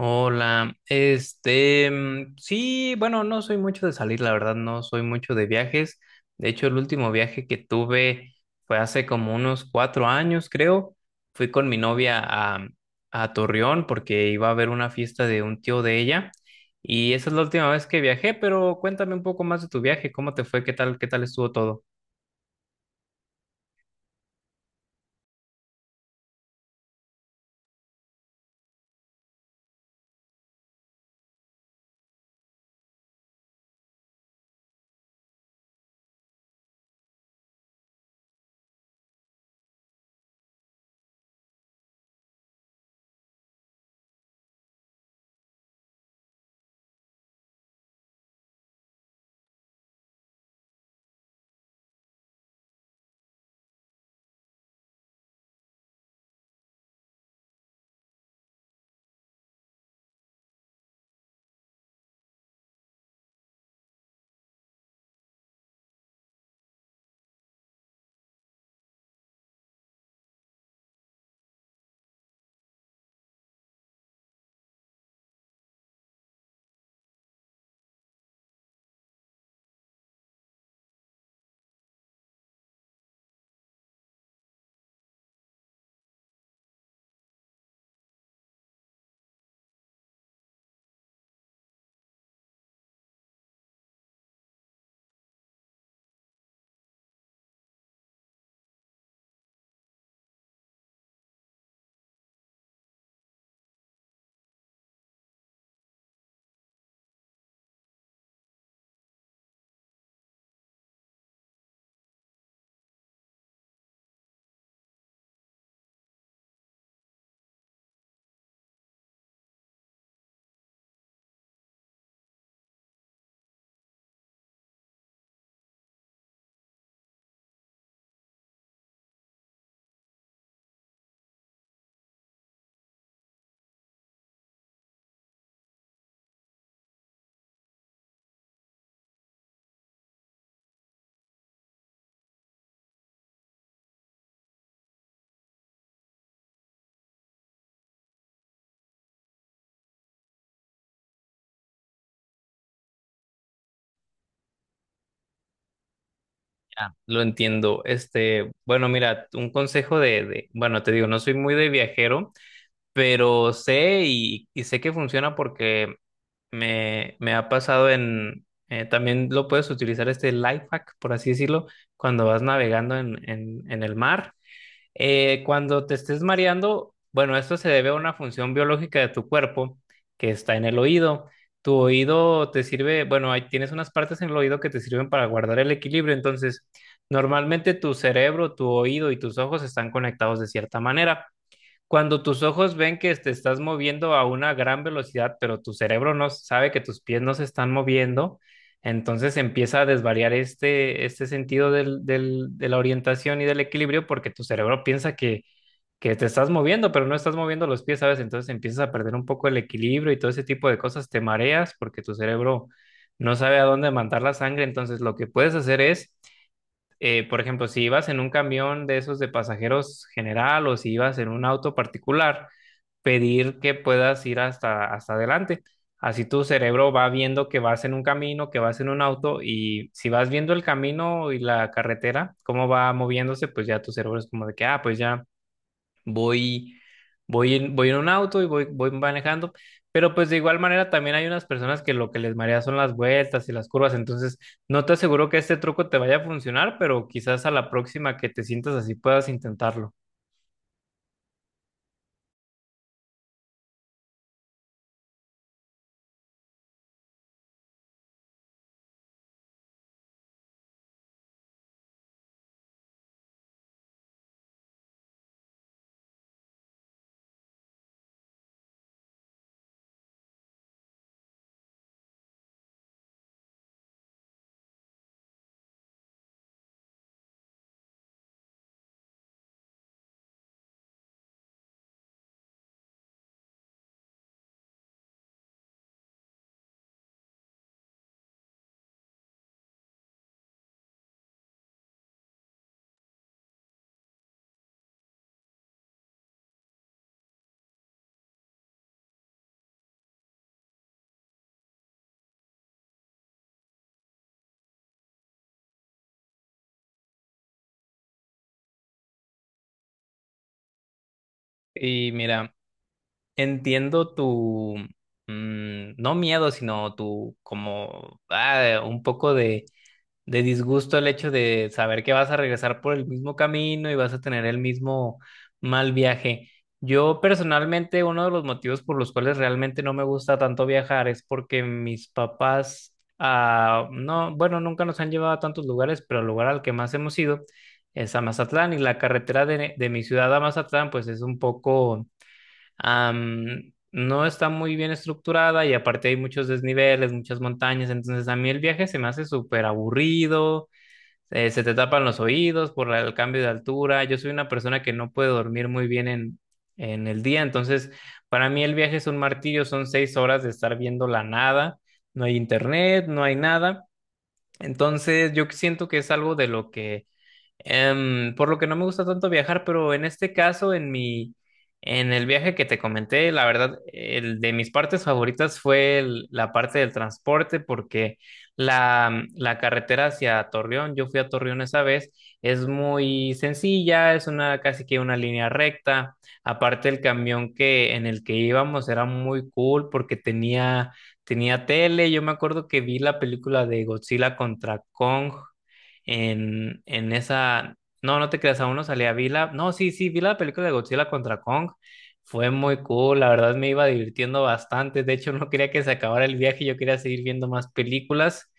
Hola, sí, bueno, no soy mucho de salir, la verdad, no soy mucho de viajes. De hecho, el último viaje que tuve fue hace como unos 4 años, creo. Fui con mi novia a Torreón porque iba a haber una fiesta de un tío de ella. Y esa es la última vez que viajé, pero cuéntame un poco más de tu viaje, ¿cómo te fue? Qué tal estuvo todo? Ya, lo entiendo. Este, bueno, mira, un consejo de, bueno, te digo, no soy muy de viajero, pero sé y sé que funciona porque me ha pasado también lo puedes utilizar este life hack, por así decirlo, cuando vas navegando en el mar. Cuando te estés mareando, bueno, esto se debe a una función biológica de tu cuerpo que está en el oído. Tu oído te sirve, bueno, ahí tienes unas partes en el oído que te sirven para guardar el equilibrio. Entonces, normalmente tu cerebro, tu oído y tus ojos están conectados de cierta manera. Cuando tus ojos ven que te estás moviendo a una gran velocidad, pero tu cerebro no sabe que tus pies no se están moviendo, entonces empieza a desvariar este, este sentido de la orientación y del equilibrio porque tu cerebro piensa que te estás moviendo, pero no estás moviendo los pies, ¿sabes? Entonces empiezas a perder un poco el equilibrio y todo ese tipo de cosas, te mareas porque tu cerebro no sabe a dónde mandar la sangre. Entonces lo que puedes hacer es, por ejemplo, si ibas en un camión de esos de pasajeros general o si ibas en un auto particular, pedir que puedas ir hasta adelante. Así tu cerebro va viendo que vas en un camino, que vas en un auto y si vas viendo el camino y la carretera, cómo va moviéndose, pues ya tu cerebro es como de que, ah, pues ya voy, voy en un auto y voy manejando, pero pues de igual manera también hay unas personas que lo que les marea son las vueltas y las curvas. Entonces no te aseguro que este truco te vaya a funcionar, pero quizás a la próxima que te sientas así puedas intentarlo. Y mira, entiendo no miedo, sino tu como un poco de disgusto el hecho de saber que vas a regresar por el mismo camino y vas a tener el mismo mal viaje. Yo personalmente, uno de los motivos por los cuales realmente no me gusta tanto viajar es porque mis papás, no, bueno, nunca nos han llevado a tantos lugares, pero el lugar al que más hemos ido es a Mazatlán, y la carretera de mi ciudad a Mazatlán pues es un poco, no está muy bien estructurada, y aparte hay muchos desniveles, muchas montañas. Entonces a mí el viaje se me hace súper aburrido, se te tapan los oídos por el cambio de altura. Yo soy una persona que no puede dormir muy bien en el día, entonces para mí el viaje es un martirio, son 6 horas de estar viendo la nada, no hay internet, no hay nada. Entonces yo siento que es algo de lo que, por lo que no me gusta tanto viajar. Pero en este caso, en el viaje que te comenté, la verdad, el de mis partes favoritas, fue el- la parte del transporte, porque la carretera hacia Torreón, yo fui a Torreón esa vez, es muy sencilla, es una, casi que una línea recta. Aparte, el camión que en el que íbamos era muy cool porque tenía, tenía tele. Yo me acuerdo que vi la película de Godzilla contra Kong en esa, no, no te creas, aún no salía. Vi la, no, sí, sí, vi la película de Godzilla contra Kong. Fue muy cool, la verdad me iba divirtiendo bastante. De hecho, no quería que se acabara el viaje, yo quería seguir viendo más películas.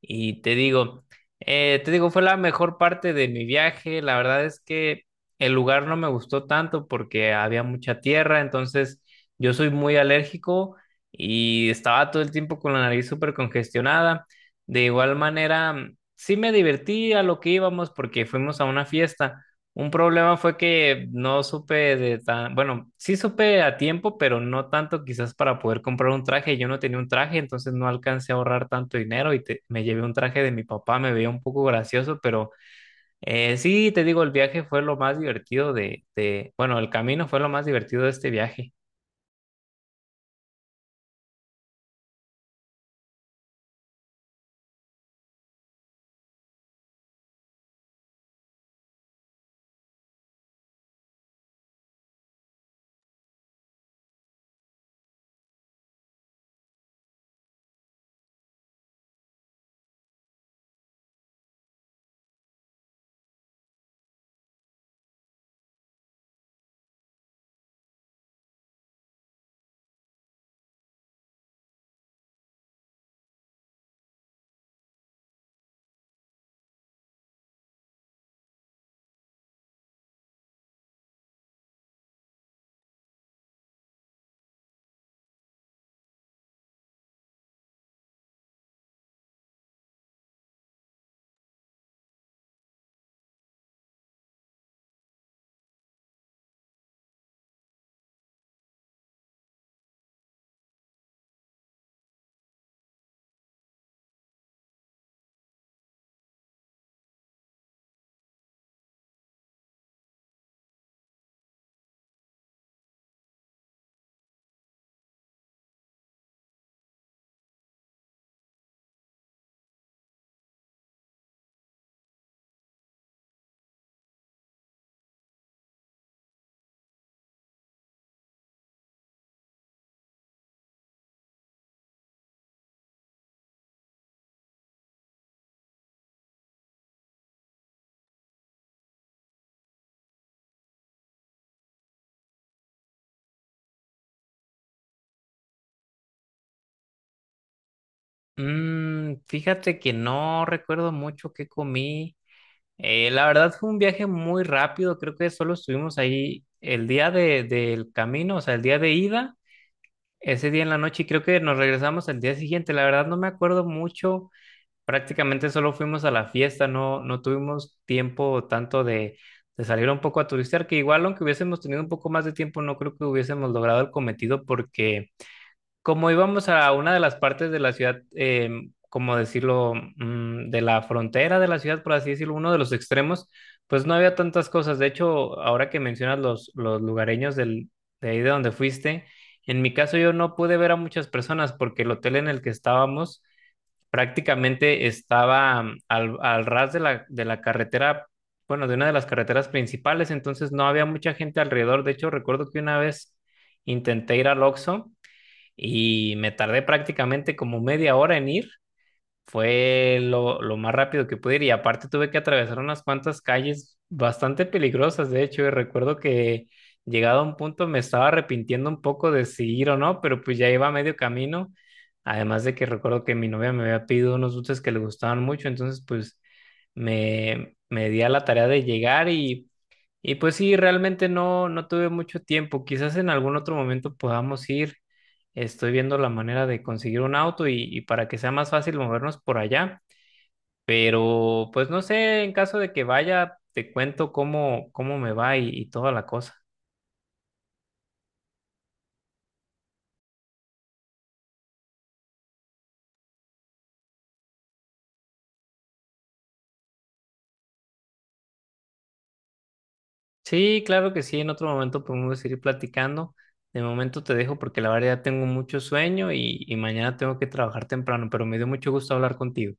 Y te digo, fue la mejor parte de mi viaje. La verdad es que el lugar no me gustó tanto porque había mucha tierra, entonces yo soy muy alérgico y estaba todo el tiempo con la nariz súper congestionada. De igual manera, sí me divertí a lo que íbamos, porque fuimos a una fiesta. Un problema fue que no supe bueno, sí supe a tiempo, pero no tanto quizás para poder comprar un traje. Yo no tenía un traje, entonces no alcancé a ahorrar tanto dinero y me llevé un traje de mi papá. Me veía un poco gracioso, pero sí, te digo, el viaje fue lo más divertido de, bueno, el camino fue lo más divertido de este viaje. Mm, fíjate que no recuerdo mucho qué comí. La verdad fue un viaje muy rápido, creo que solo estuvimos ahí el día del camino, o sea, el día de ida, ese día en la noche, y creo que nos regresamos al día siguiente. La verdad no me acuerdo mucho. Prácticamente solo fuimos a la fiesta, no, no tuvimos tiempo tanto de salir un poco a turistear, que igual aunque hubiésemos tenido un poco más de tiempo, no creo que hubiésemos logrado el cometido, porque como íbamos a una de las partes de la ciudad, como decirlo, de la frontera de la ciudad, por así decirlo, uno de los extremos, pues no había tantas cosas. De hecho, ahora que mencionas los lugareños de ahí de donde fuiste, en mi caso yo no pude ver a muchas personas porque el hotel en el que estábamos prácticamente estaba, al ras de la carretera, bueno, de una de las carreteras principales. Entonces no había mucha gente alrededor. De hecho, recuerdo que una vez intenté ir al Oxxo y me tardé prácticamente como media hora en ir. Fue lo más rápido que pude ir, y aparte tuve que atravesar unas cuantas calles bastante peligrosas, de hecho, y recuerdo que llegado a un punto me estaba arrepintiendo un poco de si ir o no, pero pues ya iba a medio camino. Además de que recuerdo que mi novia me había pedido unos dulces que le gustaban mucho, entonces pues me di a la tarea de llegar, y pues sí, realmente no tuve mucho tiempo. Quizás en algún otro momento podamos ir. Estoy viendo la manera de conseguir un auto, y para que sea más fácil movernos por allá. Pero pues no sé, en caso de que vaya, te cuento cómo me va, y toda la cosa. Sí, claro que sí, en otro momento podemos seguir platicando. De momento te dejo porque la verdad ya tengo mucho sueño, y mañana tengo que trabajar temprano. Pero me dio mucho gusto hablar contigo.